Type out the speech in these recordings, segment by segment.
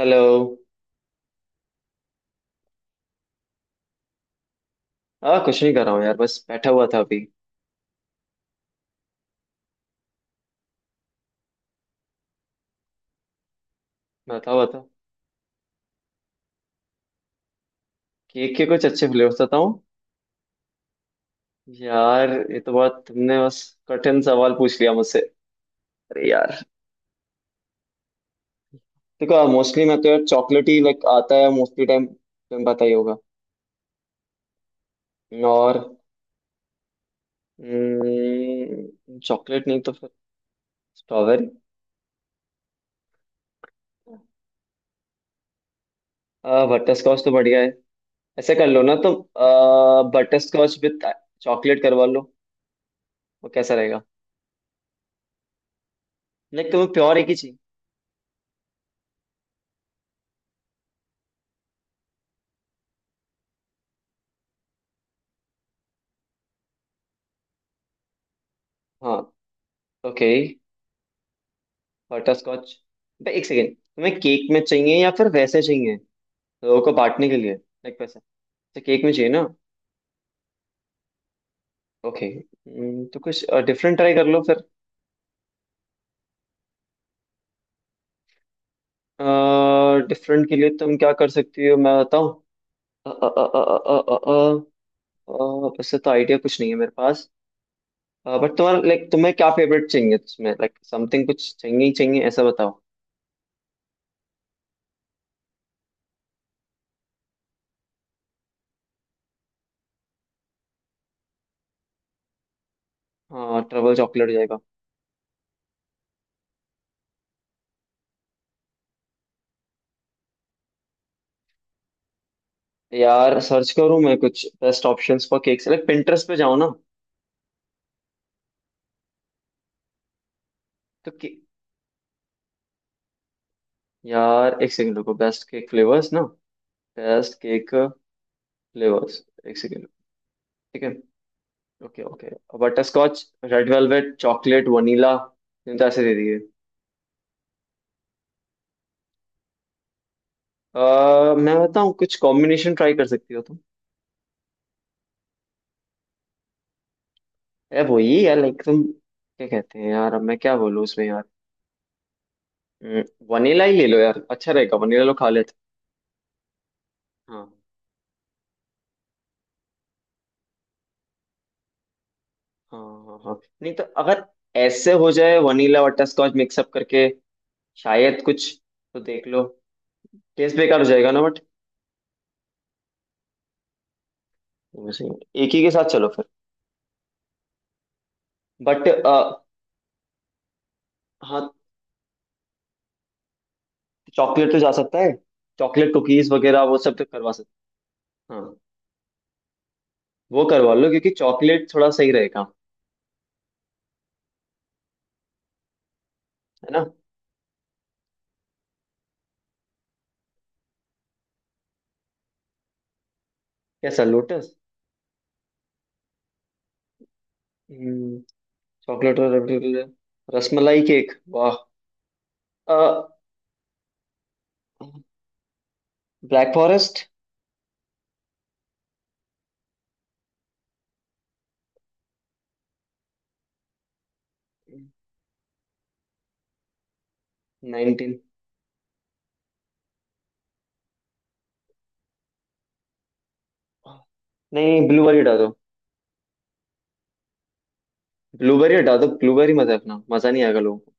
Hello. हाँ कुछ नहीं कर रहा हूँ यार, बस बैठा हुआ था अभी। बैठा हुआ था। केक के कुछ अच्छे फ्लेवर्स बताऊँ? यार ये तो बात तुमने बस कठिन सवाल पूछ लिया मुझसे। अरे यार। देखो मोस्टली मैं तो यार चॉकलेट ही लाइक आता है, मोस्टली टाइम तुम्हें पता ही होगा। और चॉकलेट नहीं तो फिर स्ट्रॉबेरी। बटर स्कॉच तो बढ़िया है। ऐसे कर लो ना तुम, बटर स्कॉच विद चॉकलेट करवा लो। वो कैसा रहेगा? नहीं, तुम्हें प्योर एक ही चाहिए। हाँ। ओके। Butterscotch. एक सेकेंड, तुम्हें केक में चाहिए या फिर वैसे चाहिए? लोगों को बांटने के लिए, लाइक वैसे। तो केक में चाहिए ना। ओके। तो कुछ डिफरेंट ट्राई कर लो फिर। डिफरेंट के लिए तुम क्या कर सकती हो मैं बताऊँ। अ, अ, अ, अ, अ, अ, अ, अ, वैसे तो आइडिया कुछ नहीं है मेरे पास। बट तुम्हारा, लाइक तुम्हें क्या फेवरेट चाहिए उसमें, लाइक समथिंग कुछ चाहिए ही चाहिए ऐसा बताओ। हाँ ट्रबल चॉकलेट जाएगा। यार सर्च करूँ मैं कुछ best options for cakes, like Pinterest पे जाओ ना। तो यार एक सेकंड रुको, बेस्ट केक फ्लेवर्स ना। Best cake flavours. एक सेकंड। ठीक है। Okay okay. Butterscotch. Red velvet, chocolate, vanilla. तुम तो ऐसे दे दिए। अह मैं बताऊँ कुछ कॉम्बिनेशन ट्राई कर सकती हो तुम। यार वही यार, लाइक तुम क्या कहते हैं यार, अब मैं क्या बोलूँ उसमें यार। वनीला ही ले लो यार, अच्छा रहेगा, वनीला लो खा लेते। हाँ हाँ हाँ हाँ। नहीं तो अगर ऐसे हो जाए वनीला बटर स्कॉच मिक्सअप करके, शायद कुछ। तो देख लो। टेस्ट बेकार हो जाएगा ना। वैसे एक ही के साथ चलो फिर। बट हाँ, चॉकलेट तो जा सकता है। चॉकलेट कुकीज वगैरह वो सब तो करवा सकते। हाँ। वो करवा लो क्योंकि चॉकलेट थोड़ा सही रहेगा। है ना। कैसा लोटस? चॉकलेट। और रसमलाई केक। वाह। Black forest. नाइनटीन। नहीं नहीं, ब्लूबेरी हटा दो। ब्लूबेरी हटा दो, ब्लूबेरी मत रखना, मजा नहीं आएगा लोगों को।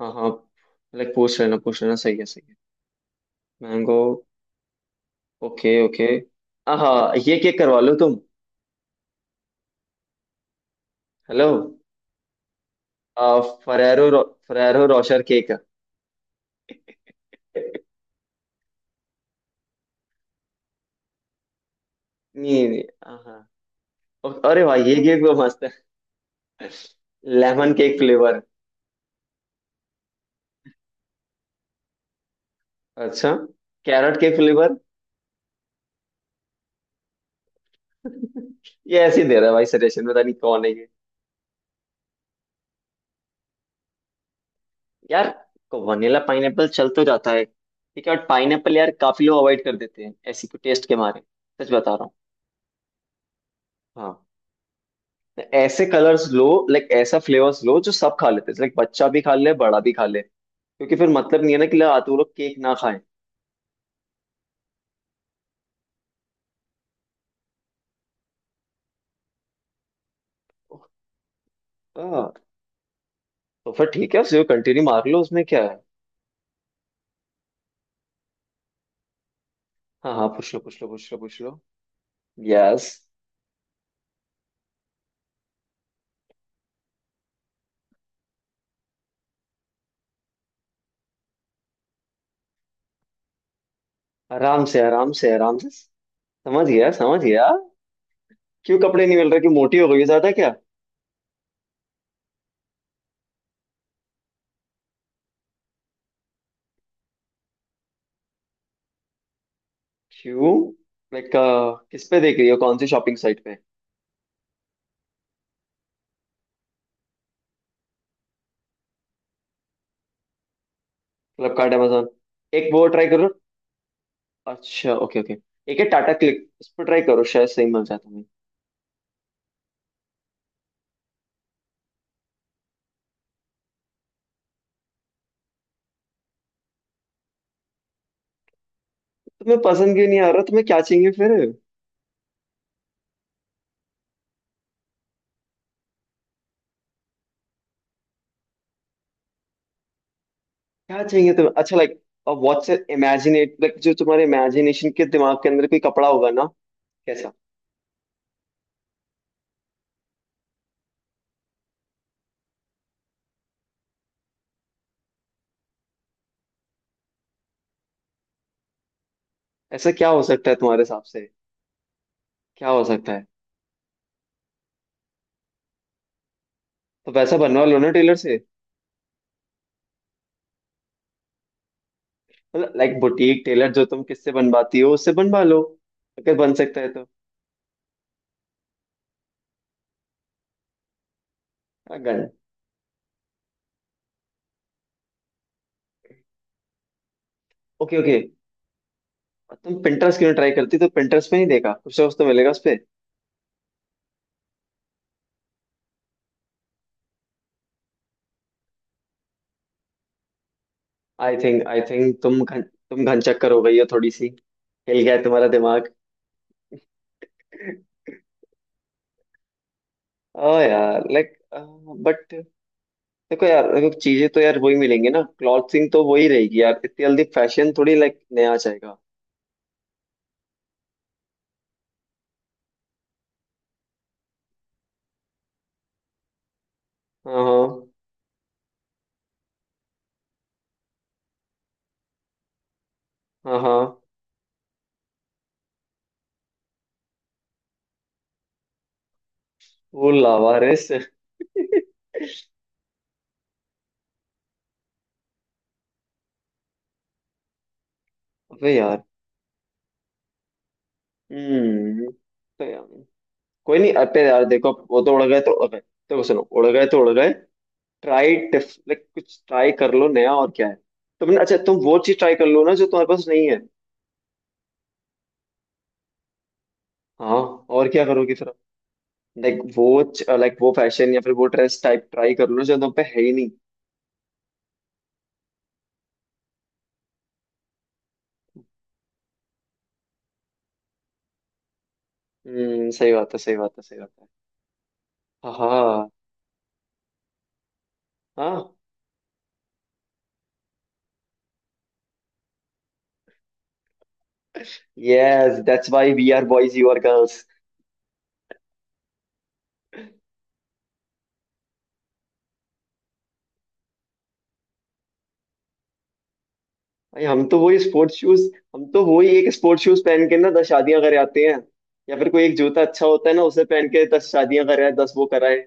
हाँ हाँ, लाइक पूछ लेना पूछ लेना, सही है सही है। मैंगो। Okay okay. हाँ, ये केक करवा लो तुम। हेलो। आ, फरेरो रो, फरेरो रोशर केक। नहीं नहीं, हाँ। अरे भाई ये केक तो मस्त है। Lemon cake flavour. अच्छा। Carrot cake flavour. ये ऐसे ही दे रहा है भाई सजेशन, पता नहीं कौन है ये। यार को वनीला पाइनएप्पल चल तो जाता है। ठीक है, और पाइनएप्पल यार काफी लोग अवॉइड कर देते हैं, ऐसी को टेस्ट के मारे। सच बता रहा हूँ। हाँ। तो ऐसे कलर्स लो। लाइक ऐसा फ्लेवर्स लो जो सब खा लेते हैं, लाइक बच्चा भी खा ले बड़ा भी खा ले। क्योंकि फिर मतलब नहीं है ना कि ला तो लोग केक ना खाएं। ओह। हाँ तो फिर ठीक है, उसे कंटिन्यू मार लो, उसमें क्या है। हाँ हाँ, पूछ लो पूछ लो पूछ लो पूछ लो। यस। आराम से आराम से आराम से। समझ गया समझ गया। क्यों कपड़े नहीं मिल रहे? क्यों, मोटी हो गई हो ज्यादा क्या? क्यों, लाइक किस पे देख रही हो, कौन सी शॉपिंग साइट पे? फ्लिपकार्ट, Amazon, एक वो ट्राई करो। अच्छा ओके ओके। एक है टाटा क्लिक, उस पर ट्राई करो शायद सही मिल जाए तुम्हें। तुम्हें पसंद क्यों नहीं आ रहा? तुम्हें क्या चाहिए फिर? क्या चाहिए तुम्हें, अच्छा लाइक व्हाट्स इमेजिनेट, लाइक जो तुम्हारे इमेजिनेशन के दिमाग के अंदर कोई कपड़ा होगा ना। कैसा? ऐसा क्या हो सकता है तुम्हारे हिसाब से? क्या हो सकता है? तो वैसा बनवा लो ना टेलर से। मतलब लाइक बुटीक टेलर, जो तुम किससे बनवाती हो उससे बनवा लो। अगर बन सकता है तो। हाँ, गन। Okay okay. तुम पिंटरेस्ट क्यों ट्राई करती? तो पिंटरेस्ट पे नहीं देखा? कुछ ना कुछ तो मिलेगा उस पे। आई थिंक तुम घन चक्कर हो गई हो थोड़ी सी। हिल गया है तुम्हारा दिमाग। ओ यार, लाइक बट देखो यार, देखो चीजें तो यार वही मिलेंगी ना, क्लॉथिंग तो वही रहेगी यार, इतनी जल्दी फैशन थोड़ी लाइक नया आ जाएगा। हाँ हाँ हाँ हाँ। वो लावारिस। अबे यार। हम्म। तो यार कोई नहीं, अबे यार देखो, वो तो उड़ गए तो उड़ गए, देखो सुनो, उड़ गए तो उड़ गए। ट्राई टिफ, लाइक कुछ ट्राई कर लो नया और क्या है। तुमने, अच्छा तुम वो चीज ट्राई कर लो ना जो तुम्हारे पास नहीं है। हाँ। और क्या करोगी फिर? लाइक वो लाइक वो फैशन या फिर वो ड्रेस टाइप ट्राई कर लो जो तुम पे है ही नहीं। सही बात है सही बात है सही बात है। हाँ हाँ। Yes, that's why we are boys, you are girls. भाई हम तो वही स्पोर्ट्स शूज। हम तो वही एक स्पोर्ट्स शूज पहन के ना दस शादियां करे आते हैं। या फिर कोई एक जूता अच्छा होता है ना, उसे पहन के दस शादियां कराए दस वो कराए।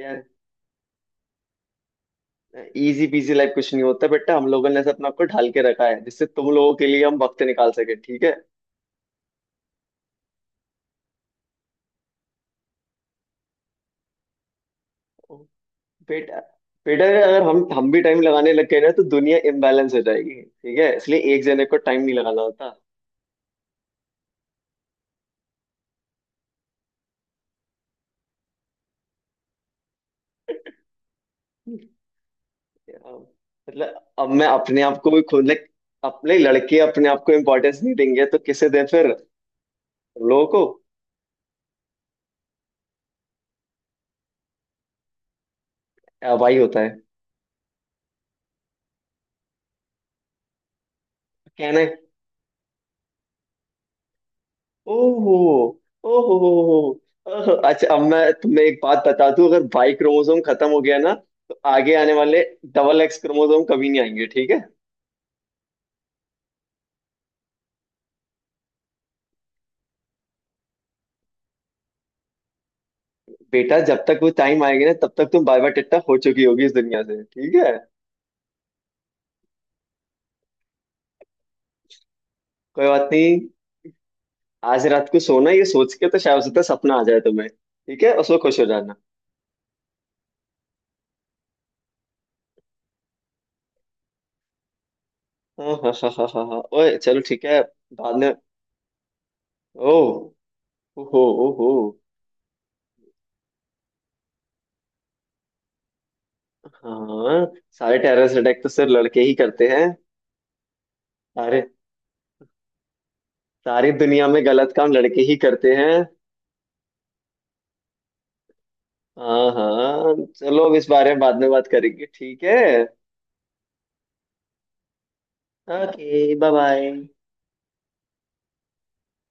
यार, इजी पीजी लाइफ कुछ नहीं होता बेटा, हम लोगों ने ऐसे अपने आप को ढाल के रखा है जिससे तुम लोगों के लिए हम वक्त निकाल सके, ठीक है। बेटा बेटा, अगर हम भी टाइम लगाने लग गए ना, तो दुनिया इम्बैलेंस हो जाएगी, ठीक है, इसलिए एक जने को टाइम नहीं लगाना होता। मतलब अब मैं अपने आप को भी खुद like, अपने लड़के अपने आप को इम्पोर्टेंस नहीं देंगे तो किसे दे फिर हम लोगों को। भाई होता है। कहना है। ओहो ओहो ओहो। अच्छा, अब मैं तुम्हें एक बात बता दूं, अगर भाई क्रोमोसोम खत्म हो गया ना, तो आगे आने वाले डबल एक्स क्रोमोसोम कभी नहीं आएंगे, ठीक है। बेटा, जब तक वो टाइम आएगी ना, तब तक तुम बाय बाय टिट्टा हो चुकी होगी इस दुनिया से, ठीक है। कोई बात नहीं। आज रात को सोना ये सोच के, तो शायद हो सकता है सपना आ जाए तुम्हें, ठीक है, उसको खुश हो जाना। हाँ हाँ हाँ हाँ हाँ हाँ, ओए चलो ठीक है। बाद में। ओह। ओहो ओहो। हाँ। सारे टेररिस्ट अटैक तो सिर्फ लड़के ही करते हैं। अरे, सारी दुनिया में गलत काम लड़के ही करते हैं। हाँ हाँ, चलो अब इस बारे में बाद में बात करेंगे, ठीक है। Okay bye bye.